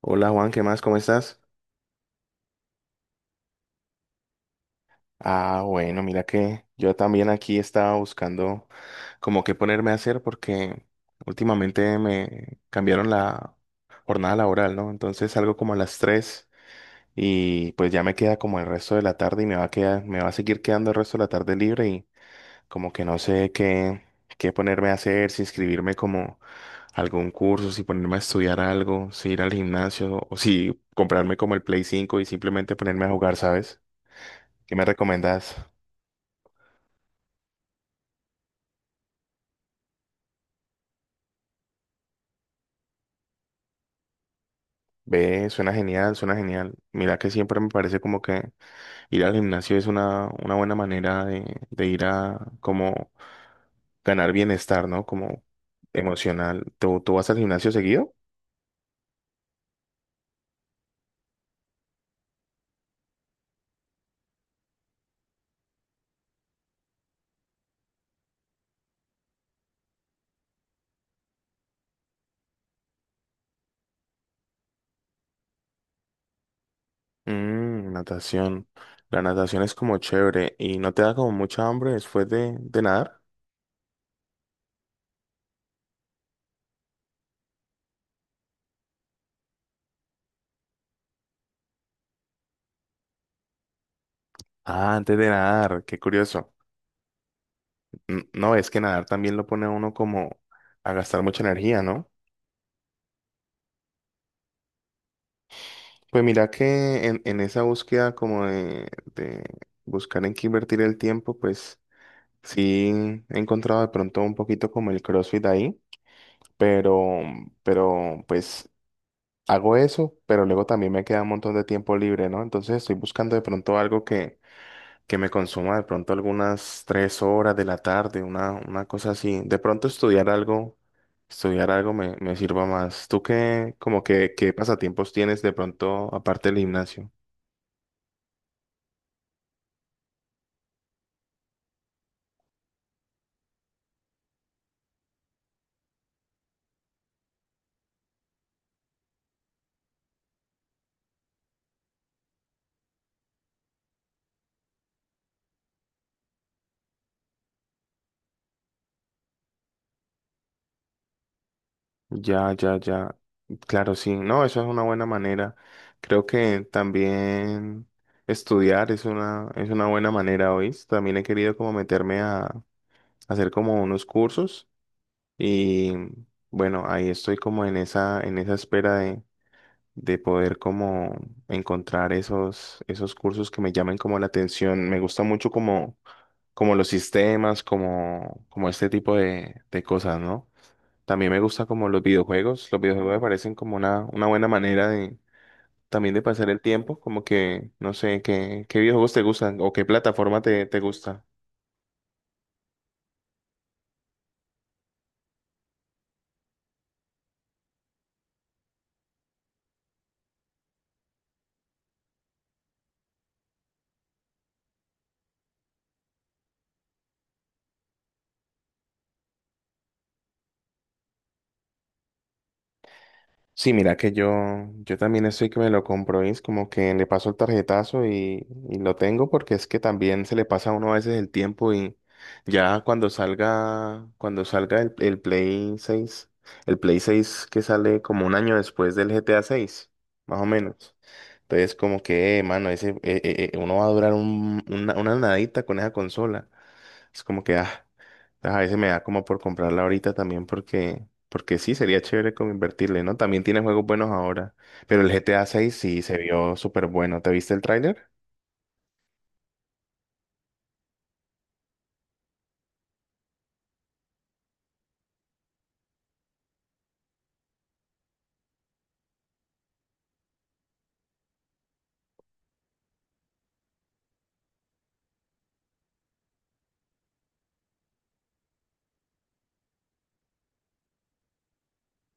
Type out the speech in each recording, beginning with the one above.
Hola Juan, ¿qué más? ¿Cómo estás? Ah, bueno, mira que yo también aquí estaba buscando como qué ponerme a hacer porque últimamente me cambiaron la jornada laboral, ¿no? Entonces salgo como a las 3 y pues ya me queda como el resto de la tarde y me va a quedar, me va a seguir quedando el resto de la tarde libre y como que no sé qué, qué ponerme a hacer, si inscribirme como a algún curso, si ponerme a estudiar algo, si ir al gimnasio o si comprarme como el Play cinco y simplemente ponerme a jugar, ¿sabes? ¿Qué me recomendás? Ve, suena genial, suena genial. Mira que siempre me parece como que ir al gimnasio es una buena manera de ir a como ganar bienestar, ¿no? Como emocional. ¿Tú vas al gimnasio seguido? Mm, natación. La natación es como chévere y no te da como mucha hambre después de nadar. Ah, antes de nadar, qué curioso. No, es que nadar también lo pone a uno como a gastar mucha energía, ¿no? Pues mira que en esa búsqueda como de buscar en qué invertir el tiempo, pues sí he encontrado de pronto un poquito como el CrossFit ahí, pero, pero pues hago eso, pero luego también me queda un montón de tiempo libre, ¿no? Entonces estoy buscando de pronto algo que me consuma de pronto algunas tres horas de la tarde, una cosa así. De pronto estudiar algo me sirva más. ¿Tú qué, como que, qué pasatiempos tienes de pronto aparte del gimnasio? Ya. Claro, sí. No, eso es una buena manera. Creo que también estudiar es una buena manera, hoy. También he querido como meterme a hacer como unos cursos y bueno, ahí estoy como en esa espera de poder como encontrar esos, esos cursos que me llamen como la atención. Me gusta mucho como, como los sistemas, como, como este tipo de cosas, ¿no? También me gusta como los videojuegos. Los videojuegos me parecen como una buena manera de también de pasar el tiempo. Como que, no sé, qué, qué videojuegos te gustan o qué plataforma te gusta. Sí, mira que yo también estoy que me lo compro es como que le paso el tarjetazo y lo tengo porque es que también se le pasa a uno a veces el tiempo y ya cuando salga el Play seis, el Play seis que sale como un año después del GTA seis más o menos. Entonces, como que, mano, ese, uno va a durar una nadita con esa consola. Es como que, ah, a veces me da como por comprarla ahorita también porque, porque sí, sería chévere como invertirle, ¿no? También tiene juegos buenos ahora, pero el GTA 6 sí se vio súper bueno. ¿Te viste el tráiler?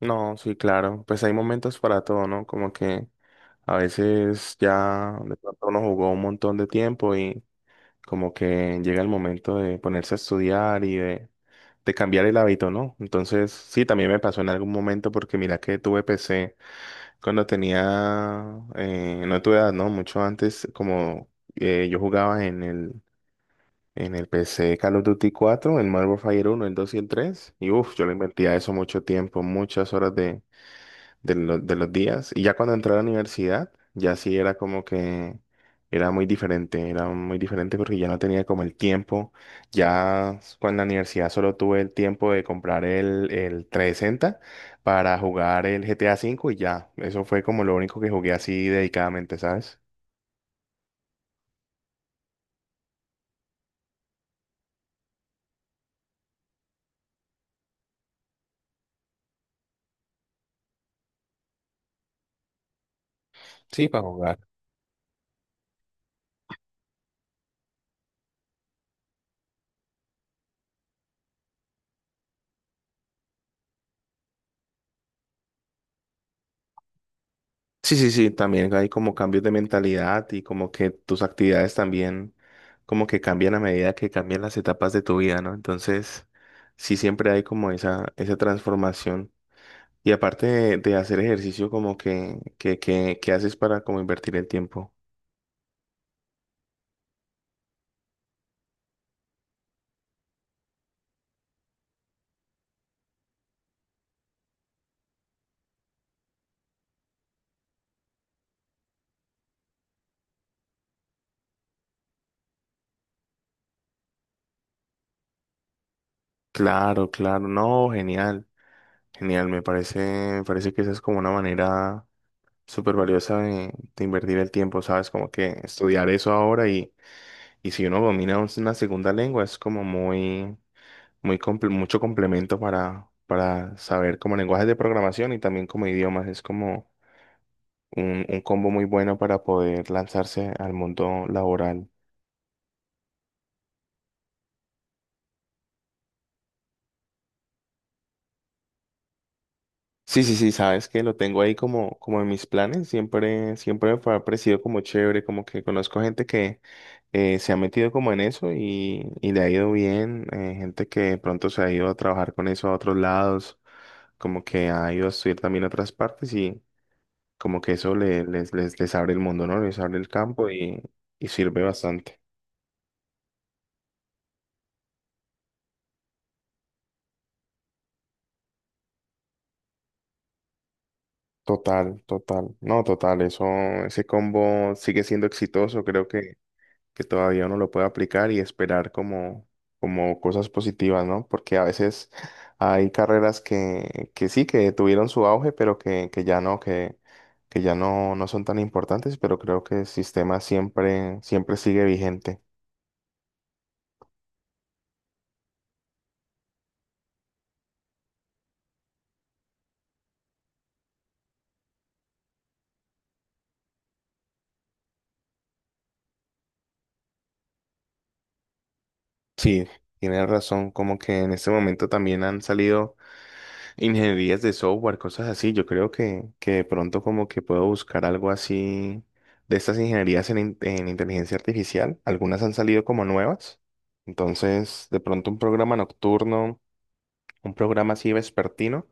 No, sí, claro. Pues hay momentos para todo, ¿no? Como que a veces ya de pronto uno jugó un montón de tiempo y como que llega el momento de ponerse a estudiar y de cambiar el hábito, ¿no? Entonces, sí, también me pasó en algún momento porque mira que tuve PC cuando tenía, no tu edad, ¿no? Mucho antes, como yo jugaba en el PC Call of Duty cuatro, el Modern Warfare uno, el 2 y el 3, y uff, yo le invertía eso mucho tiempo, muchas horas de los días. Y ya cuando entré a la universidad, ya sí era como que era muy diferente porque ya no tenía como el tiempo. Cuando en la universidad solo tuve el tiempo de comprar el 360 para jugar el GTA cinco y ya, eso fue como lo único que jugué así dedicadamente, ¿sabes? Sí, para jugar. Sí, sí, sí, también hay como cambios de mentalidad y como que tus actividades también como que cambian a medida que cambian las etapas de tu vida, ¿no? Entonces, sí siempre hay como esa transformación. Y aparte de hacer ejercicio, como que, que haces para como invertir el tiempo. Claro, claro, no, genial, genial, me parece que esa es como una manera súper valiosa de invertir el tiempo, ¿sabes? Como que estudiar eso ahora y si uno domina una segunda lengua es como muy mucho complemento para saber como lenguajes de programación y también como idiomas. Es como un combo muy bueno para poder lanzarse al mundo laboral. Sí, sí, sí, sabes que lo tengo ahí como, como en mis planes. Siempre, ha parecido como chévere, como que conozco gente que se ha metido como en eso y le ha ido bien. Eh, gente que de pronto se ha ido a trabajar con eso a otros lados, como que ha ido a estudiar también a otras partes, como que eso les abre el mundo, ¿no? Les abre el campo y sirve bastante. Total, total. No, total, eso, ese combo sigue siendo exitoso. Creo que todavía uno lo puede aplicar y esperar como, como cosas positivas, ¿no? Porque a veces hay carreras que sí, que tuvieron su auge, pero que ya no, no son tan importantes, pero creo que el sistema siempre, siempre sigue vigente. Sí, tienes razón, como que en este momento también han salido ingenierías de software, cosas así. Yo creo que de pronto como que puedo buscar algo así de estas ingenierías en, en inteligencia artificial. Algunas han salido como nuevas. Entonces, de pronto un programa nocturno, un programa así vespertino,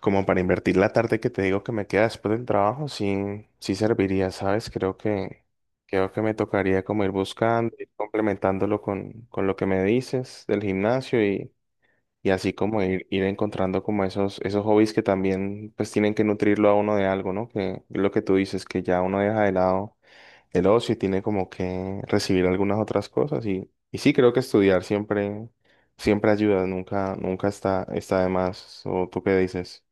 como para invertir la tarde que te digo que me queda después del trabajo, sí, sí serviría, ¿sabes? Creo creo que me tocaría como ir buscando, ir complementándolo con lo que me dices del gimnasio, y así como ir, ir encontrando como esos, esos hobbies que también pues tienen que nutrirlo a uno de algo, ¿no? Que lo que tú dices, que ya uno deja de lado el ocio y tiene como que recibir algunas otras cosas. Y sí, creo que estudiar siempre, siempre ayuda, nunca, está de más. ¿O tú qué dices?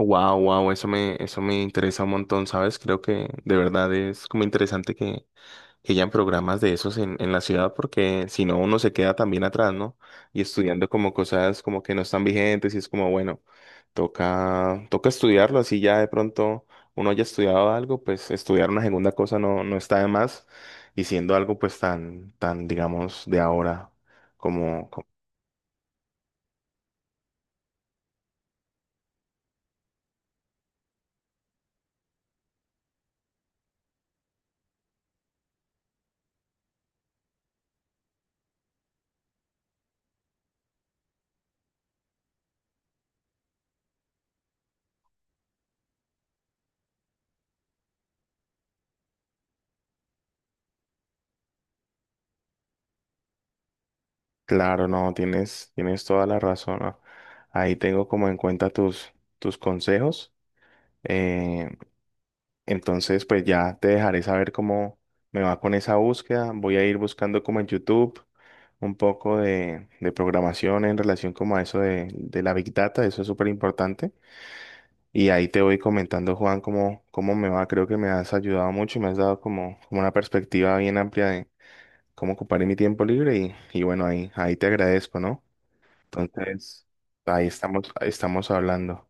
Wow, wow, eso me interesa un montón, ¿sabes? Creo que de verdad es como interesante que hayan programas de esos en la ciudad, porque si no, uno se queda también atrás, ¿no? Y estudiando como cosas como que no están vigentes y es como, bueno, toca, toca estudiarlo, así ya de pronto uno haya estudiado algo, pues estudiar una segunda cosa no, no está de más, y siendo algo pues tan, tan, digamos, de ahora, como, claro, no, tienes, tienes toda la razón, ¿no? Ahí tengo como en cuenta tus, tus consejos. eh, Entonces, pues ya te dejaré saber cómo me va con esa búsqueda. Voy a ir buscando como en YouTube un poco de programación en relación como a eso de la Big Data. Eso es súper importante. Y ahí te voy comentando, Juan, cómo, cómo me va. Creo que me has ayudado mucho y me has dado como, como una perspectiva bien amplia de cómo ocuparé mi tiempo libre. Y bueno, ahí, ahí te agradezco, ¿no? Entonces, ahí estamos hablando.